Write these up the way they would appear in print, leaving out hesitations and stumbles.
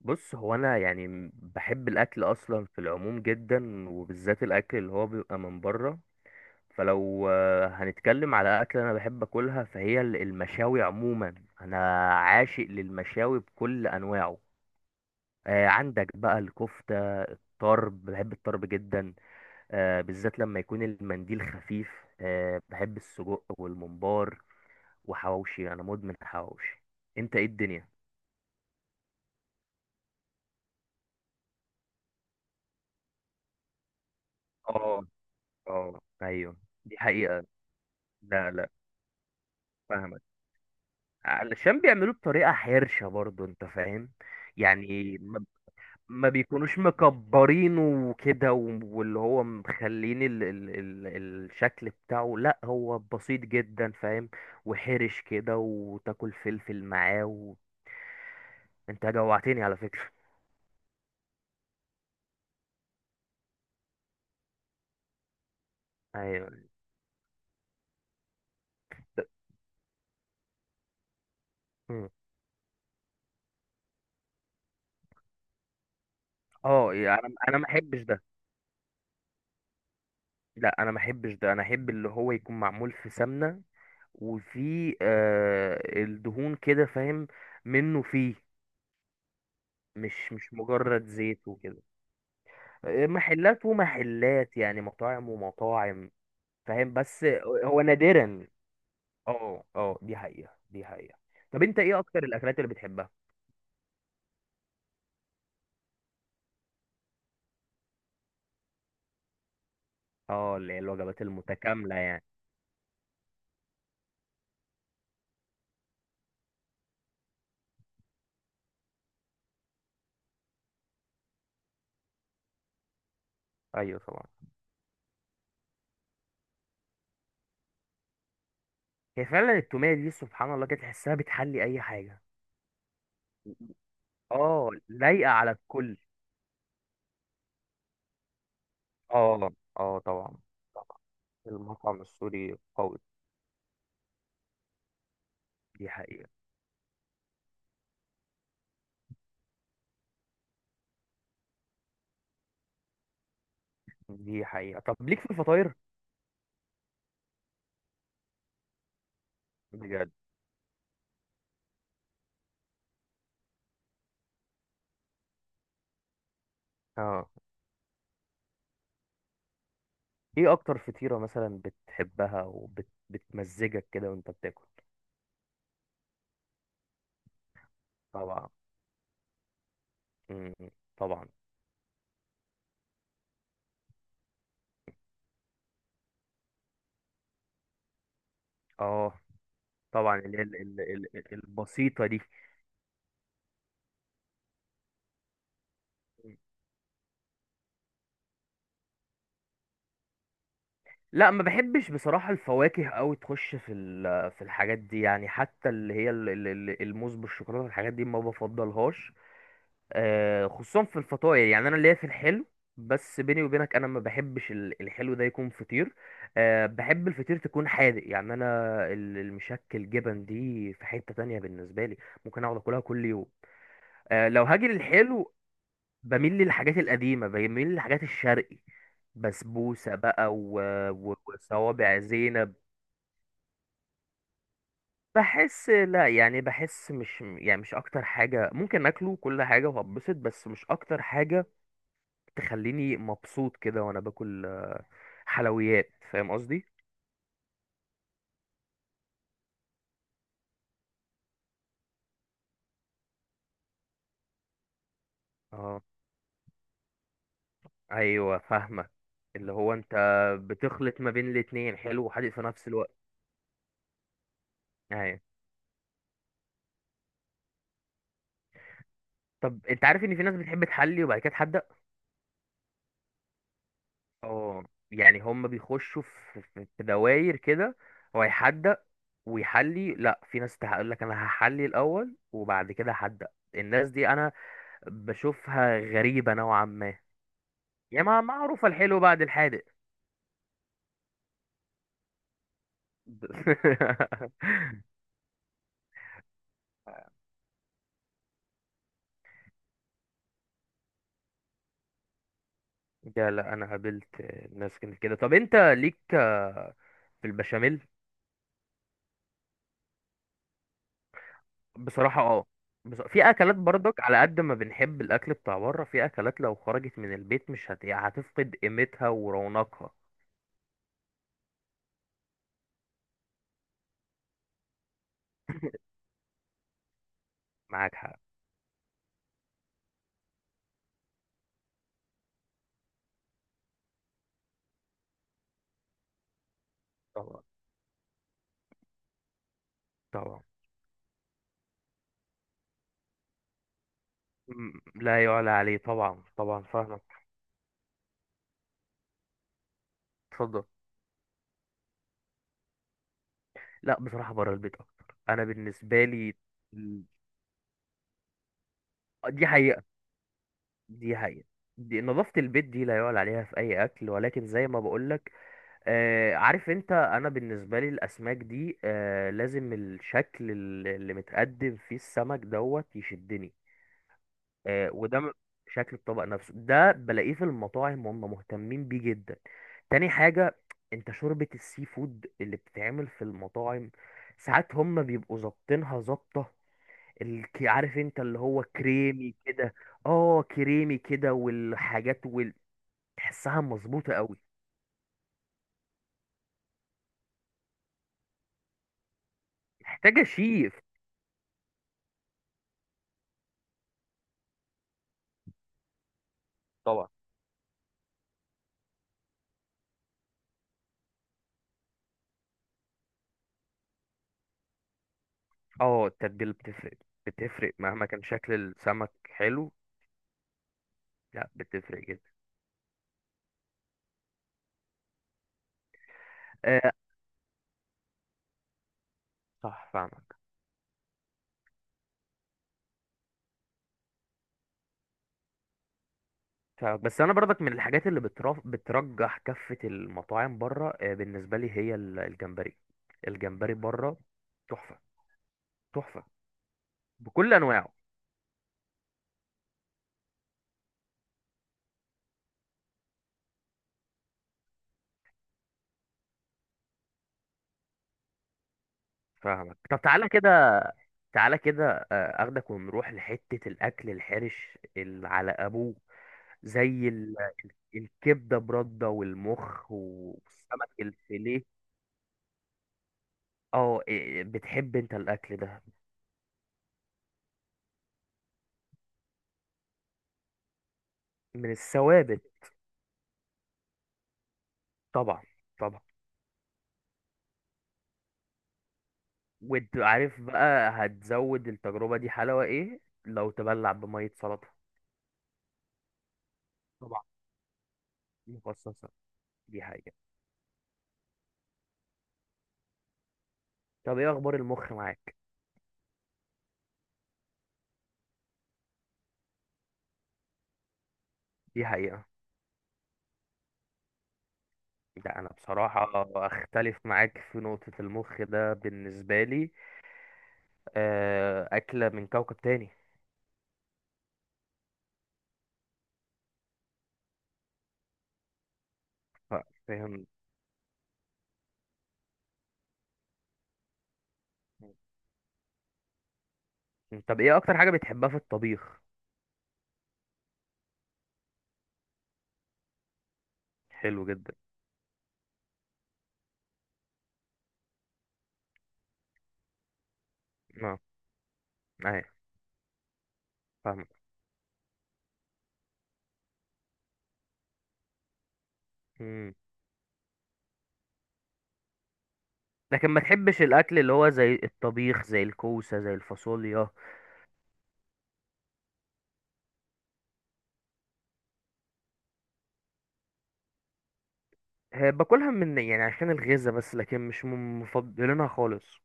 بص، هو انا يعني بحب الاكل اصلا في العموم جدا، وبالذات الاكل اللي هو بيبقى من بره. فلو هنتكلم على اكل انا بحب اكلها، فهي المشاوي عموما. انا عاشق للمشاوي بكل انواعه. عندك بقى الكفتة الطرب، بحب الطرب جدا. بالذات لما يكون المنديل خفيف. بحب السجق والممبار. وحواوشي، انا مدمن حواوشي. انت ايه الدنيا؟ اه، اه، ايوه. دي حقيقة. لا، لا. فاهمك. علشان بيعملوه بطريقة حرشة برضو، انت فاهم. يعني ما بيكونوش مكبرينه. وكده، واللي هو مخلين ال ال ال الشكل بتاعه، لا هو بسيط جدا، فاهم. وحرش كده، وتاكل فلفل معاه. انت جوعتني على فكرة. ايوه. ده- مم. اه، يعني انا ما احبش ده. لا، انا ما احبش ده، انا احب اللي هو يكون معمول في سمنة. وفي الدهون كده، فاهم. منه فيه. مش مجرد زيت وكده. محلات ومحلات، يعني مطاعم ومطاعم. فاهم، بس هو نادرا. اه، اه، دي حقيقة، دي حقيقة. طب انت ايه اكتر الاكلات اللي بتحبها؟ اه، اللي هي الوجبات المتكاملة يعني. ايوه، طبعا. هي فعلا التومية دي سبحان الله كده، تحسها بتحلي اي حاجة. اه، لايقة على الكل. اه، اه، طبعا، طبعا. المطعم السوري قوي. دي حقيقة، دي حقيقة. طب ليك في الفطاير؟ بجد؟ اه، ايه اكتر فطيرة مثلا بتحبها وبتمزجك كده وانت بتاكل؟ طبعا. مم. طبعا. اه، طبعا، ال ال ال ال البسيطة دي. لا ما بحبش بصراحة الفواكه قوي تخش في في الحاجات دي، يعني حتى اللي هي الموز بالشوكولاتة، الحاجات دي ما بفضلهاش. خصوصا في الفطاير، يعني انا ليا في الحلو. بس بيني وبينك انا ما بحبش الحلو ده يكون فطير. بحب الفطير تكون حادق، يعني انا المشكل جبن دي في حتة تانية بالنسبة لي، ممكن اقعد اكلها كل يوم. لو هاجي للحلو، بميل للحاجات القديمة، بميل للحاجات الشرقي. بسبوسة بقى، وصوابع زينب. بحس، لا يعني بحس، مش يعني، مش اكتر حاجة ممكن اكله كل حاجة وهبسط، بس مش اكتر حاجة تخليني مبسوط كده وانا باكل حلويات، فاهم قصدي. اه، ايوه، فاهمك. اللي هو انت بتخلط ما بين الاتنين، حلو وحادق في نفس الوقت. ايوه. طب انت عارف ان في ناس بتحب تحلي وبعد كده تحدق؟ اه، يعني هم بيخشوا في دواير كده، هو يحدق ويحلي، لا في ناس تقول لك انا هحلي الاول وبعد كده هحدق. الناس دي انا بشوفها غريبة نوعا ما. يا ما معروفة الحلو بعد الحادق. لا، انا قابلت ناس كانت كده. طب انت ليك في البشاميل؟ بصراحة، اه، في اكلات برضك على قد ما بنحب الاكل بتاع بره، في اكلات لو خرجت من البيت مش هت... يعني هتفقد قيمتها ورونقها. معاك حق. طبعا، طبعا. لا يعلى عليه، طبعا، طبعا، فاهمك. اتفضل. لا، بصراحة بره البيت اكتر، انا بالنسبة لي. ال- دي حقيقة، دي حقيقة. دي نظافة البيت دي لا يعلى عليها في اي اكل، ولكن زي ما بقولك عارف انت، انا بالنسبه لي الاسماك دي لازم الشكل اللي متقدم فيه السمك دوت يشدني. وده شكل الطبق نفسه ده بلاقيه في المطاعم، هم مهتمين بيه جدا. تاني حاجه، انت شوربه السي فود اللي بتتعمل في المطاعم ساعات هم بيبقوا ظابطينها ظابطه، عارف انت، اللي هو كريمي كده. اه، كريمي كده، والحاجات تحسها مظبوطه قوي. محتاجه شيف. طبعا. اه، التتبيل بتفرق. بتفرق مهما كان شكل السمك حلو. لا، بتفرق جدا. آه صح، فاهمك. فاهمك. بس انا برضك من الحاجات اللي بترجح كفة المطاعم بره، بالنسبة لي هي الجمبري. الجمبري بره، تحفة. تحفة بكل انواعه. فاهمك، طب تعالى كده. تعالى كده، اخدك ونروح لحتة الاكل الحرش اللي على ابوه، زي الكبدة برده والمخ والسمك الفيليه. اه، إيه، بتحب انت الاكل ده؟ من الثوابت. طبعا، طبعا. وانت عارف بقى هتزود التجربة دي حلاوة ايه؟ لو تبلع بمية سلطة. طبعا. مخصصة. دي حقيقة. طب ايه اخبار المخ معاك؟ دي حقيقة. ده انا بصراحة اختلف معاك في نقطة المخ ده، بالنسبة لي اكلة من كوكب تاني. ف- فاهم. طب ايه اكتر حاجة بتحبها في الطبيخ؟ حلو جدا. اه، ايوه، فاهمك. لكن ما تحبش الاكل اللي هو زي الطبيخ زي الكوسه زي الفاصوليا؟ باكلها من يعني عشان الغذا، بس لكن مش من مفضلينها خالص.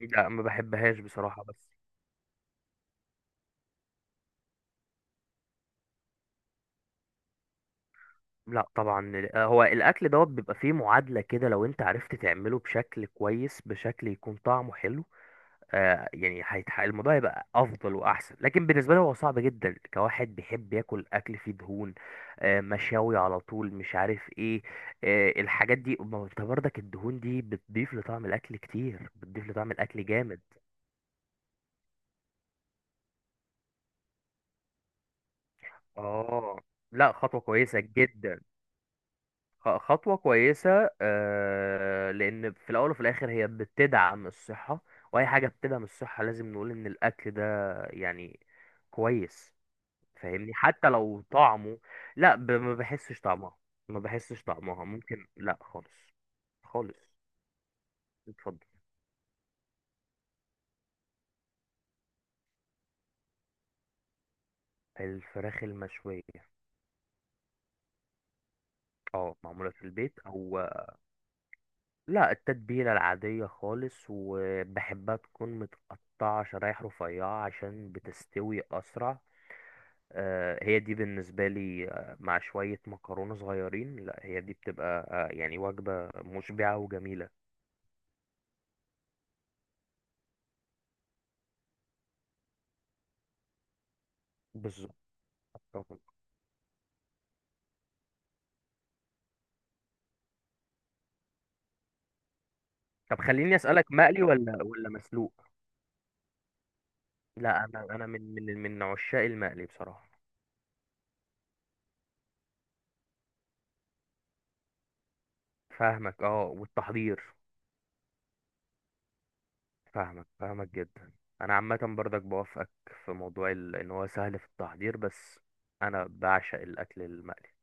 لا ما بحبهاش بصراحه، بس. لا، طبعا، هو الاكل دوت بيبقى فيه معادله كده، لو انت عرفت تعمله بشكل كويس، بشكل يكون طعمه حلو. يعني الموضوع هيبقى افضل واحسن، لكن بالنسبه لي هو صعب جدا كواحد بيحب ياكل اكل فيه دهون، مشاوي على طول، مش عارف ايه، الحاجات دي. ما هو انت برضك الدهون دي بتضيف لطعم الاكل كتير، بتضيف لطعم الاكل جامد. اه، لا، خطوه كويسه جدا. خطوه كويسه، لان في الاول وفي الاخر هي بتدعم الصحه، واي حاجه بتدعم الصحه لازم نقول ان الاكل ده يعني كويس. فاهمني حتى لو طعمه. لا، ما بحسش طعمها. ما بحسش طعمها ممكن، لا، خالص. خالص. اتفضل. الفراخ المشوية. اه، معمولة في البيت، او. لا، التتبيلة العادية خالص، وبحبها تكون متقطعة شرايح رفيعة عشان بتستوي اسرع. هي دي بالنسبة لي مع شوية مكرونة صغيرين، لا هي دي بتبقى يعني وجبة مشبعة وجميلة. بالظبط. طب خليني اسألك، مقلي ولا مسلوق؟ لا، انا من عشاق المقلي بصراحه. فاهمك، اه، والتحضير. فاهمك، فاهمك جدا. انا عامه برضك بوافقك في موضوع ان هو سهل في التحضير، بس انا بعشق الاكل المقلي.